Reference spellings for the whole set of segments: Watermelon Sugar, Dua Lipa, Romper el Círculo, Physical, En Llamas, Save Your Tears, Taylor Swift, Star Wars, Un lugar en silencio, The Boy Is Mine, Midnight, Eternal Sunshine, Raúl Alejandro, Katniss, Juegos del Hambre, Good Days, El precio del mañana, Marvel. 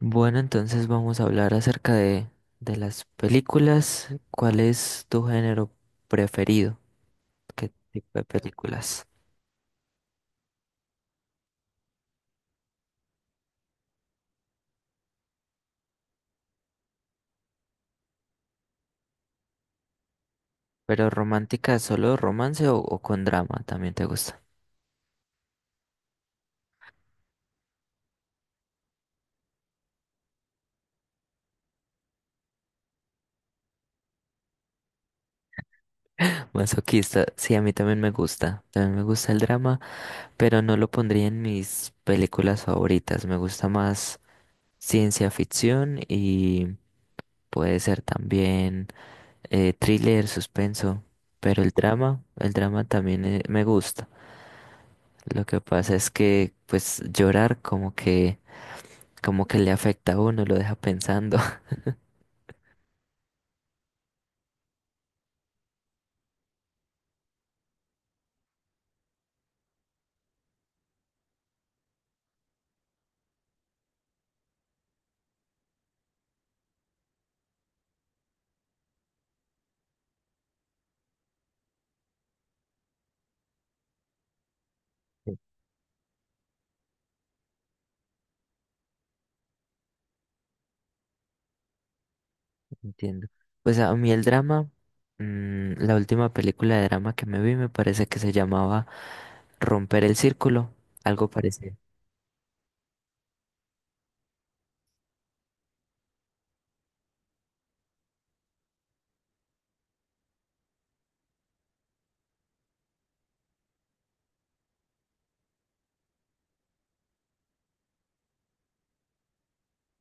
Bueno, entonces vamos a hablar acerca de las películas. ¿Cuál es tu género preferido? ¿Qué tipo de películas? ¿Pero romántica, solo romance o con drama? También te gusta. Masoquista, sí, a mí también me gusta. También me gusta el drama, pero no lo pondría en mis películas favoritas. Me gusta más ciencia ficción y puede ser también thriller, suspenso. Pero el drama también me gusta. Lo que pasa es que, pues, llorar como que le afecta a uno, lo deja pensando. Sí, entiendo. Pues a mí el drama, mm, la última película de drama que me vi me parece que se llamaba Romper el Círculo, algo parecido.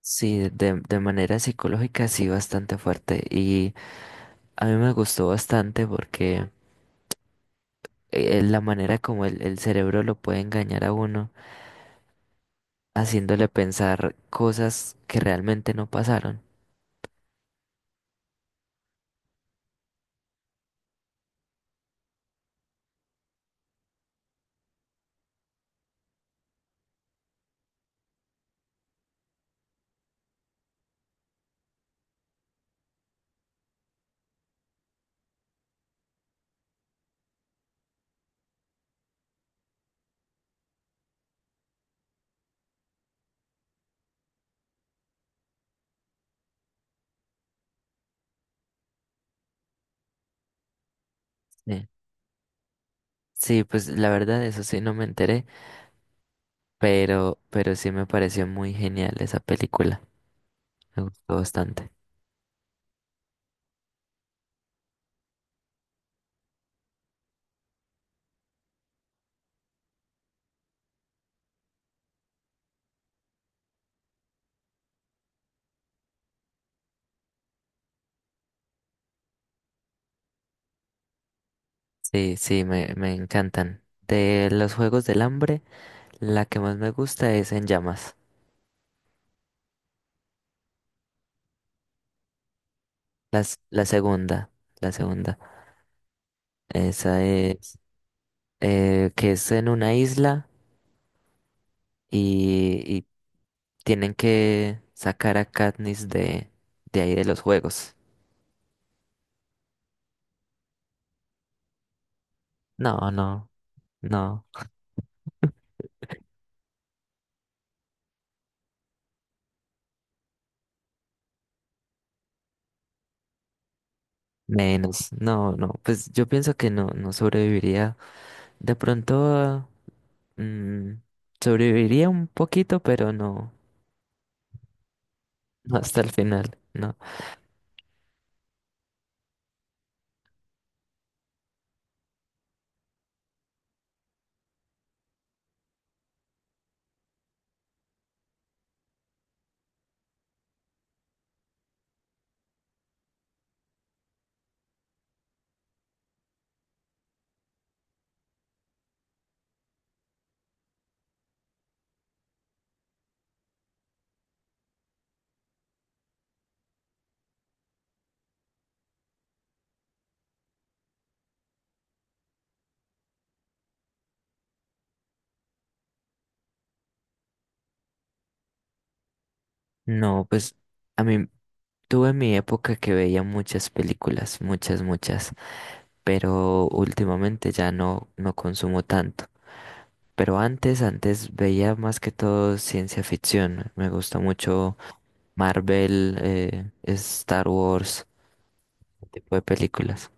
Sí, de manera psicológica sí bastante fuerte y a mí me gustó bastante porque la manera como el cerebro lo puede engañar a uno haciéndole pensar cosas que realmente no pasaron. Sí. Sí, pues la verdad, eso sí no me enteré, pero sí me pareció muy genial esa película. Me gustó bastante. Sí, sí, me encantan. De los Juegos del Hambre, la que más me gusta es En Llamas. La segunda, la segunda. Esa es, que es en una isla y tienen que sacar a Katniss de ahí de los juegos. No, no, no. Menos, no, no, pues yo pienso que no, no sobreviviría. De pronto, mm, sobreviviría un poquito, pero no, no hasta el final, no. No, pues a mí tuve mi época que veía muchas películas, muchas, muchas, pero últimamente ya no, no consumo tanto. Pero antes, antes veía más que todo ciencia ficción. Me gusta mucho Marvel, Star Wars, ese tipo de películas.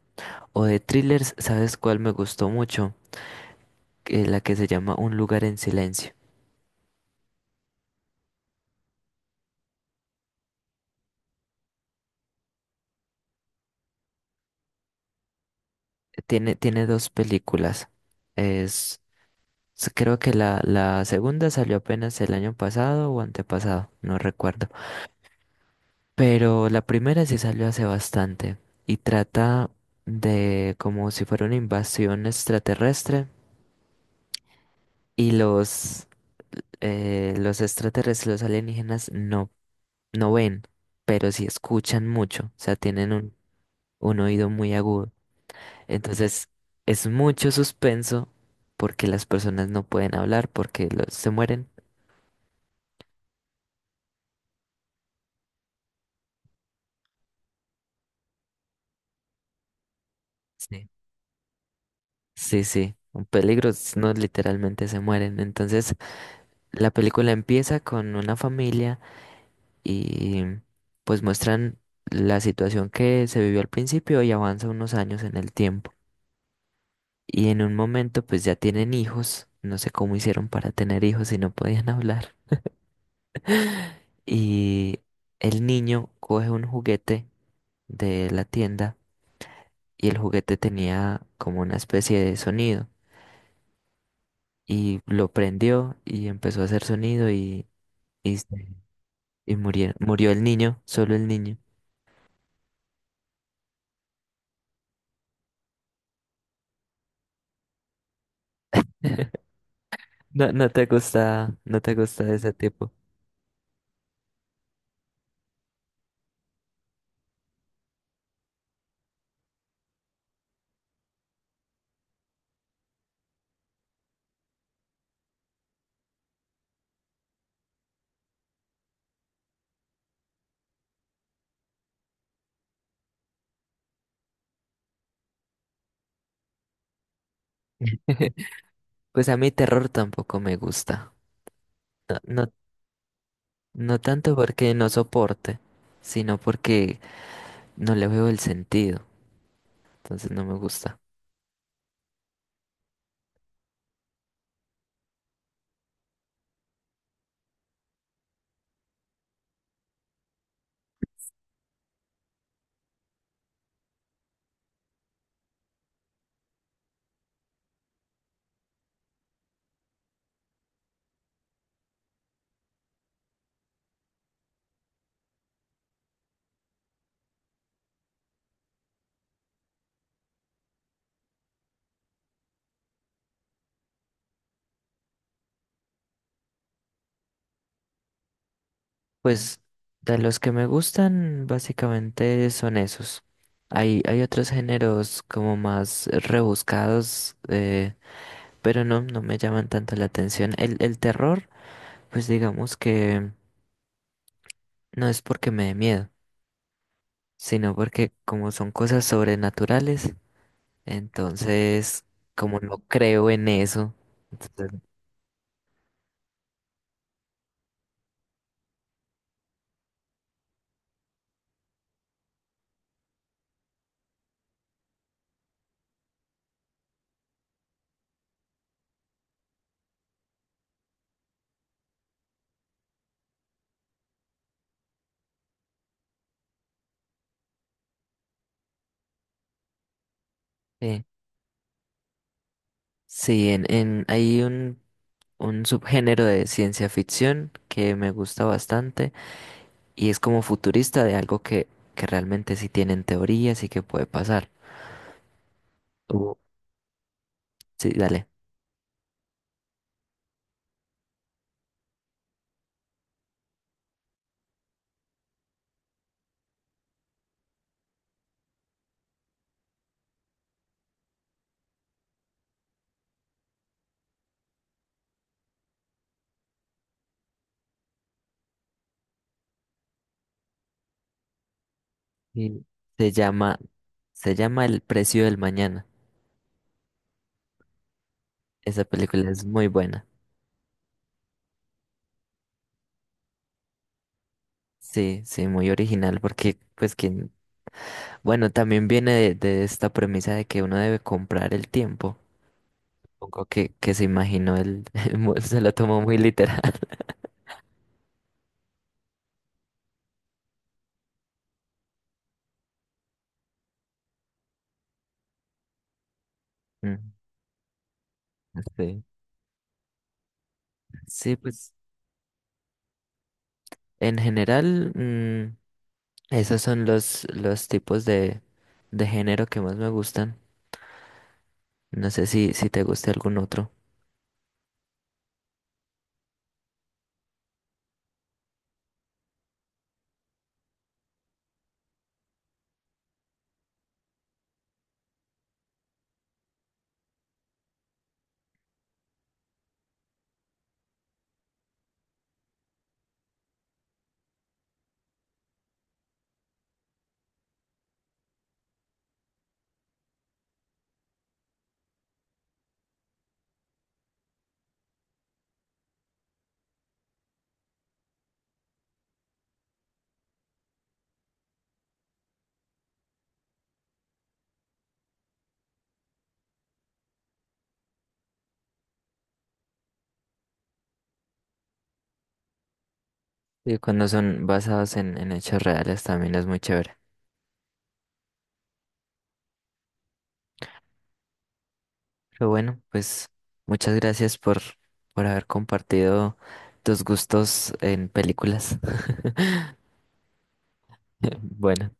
O de thrillers, ¿sabes cuál me gustó mucho? La que se llama Un lugar en silencio. Tiene, tiene dos películas. Es, Creo que la segunda salió apenas el año pasado o antepasado, no recuerdo. Pero la primera sí salió hace bastante y trata de como si fuera una invasión extraterrestre y los extraterrestres, los alienígenas no, no ven, pero sí escuchan mucho, o sea, tienen un oído muy agudo. Entonces es mucho suspenso porque las personas no pueden hablar porque se mueren. Sí. Sí, sí, un peligro, no literalmente se mueren. Entonces la película empieza con una familia y pues muestran la situación que se vivió al principio y avanza unos años en el tiempo. Y en un momento pues ya tienen hijos, no sé cómo hicieron para tener hijos si no podían hablar. Y el niño coge un juguete de la tienda y el juguete tenía como una especie de sonido y lo prendió y empezó a hacer sonido y, y, se- y murió, murió el niño, solo el niño. No, no te gusta, no te gusta de ese tipo. Pues a mí terror tampoco me gusta. No, no, no tanto porque no soporte, sino porque no le veo el sentido. Entonces no me gusta. Pues de los que me gustan, básicamente son esos. Hay otros géneros como más rebuscados, pero no, no me llaman tanto la atención. El terror, pues digamos que no es porque me dé miedo, sino porque como son cosas sobrenaturales, entonces como no creo en eso, entonces, eh, sí, hay un subgénero de ciencia ficción que me gusta bastante. Y es como futurista de algo que realmente sí tienen teorías y que puede pasar. Uh, Sí, dale. Y se llama, se llama El precio del mañana. Esa película es muy buena. Sí, sí, muy original porque, pues, quien, bueno, también viene de esta premisa de que uno debe comprar el tiempo. Supongo que se imaginó el, se lo tomó muy literal. Mm. Sí. Sí, pues, en general, mm, esos son los tipos de género que más me gustan. No sé si, si te gusta algún otro. Y cuando son basados en hechos reales también es muy chévere. Pero bueno, pues muchas gracias por haber compartido tus gustos en películas. Bueno.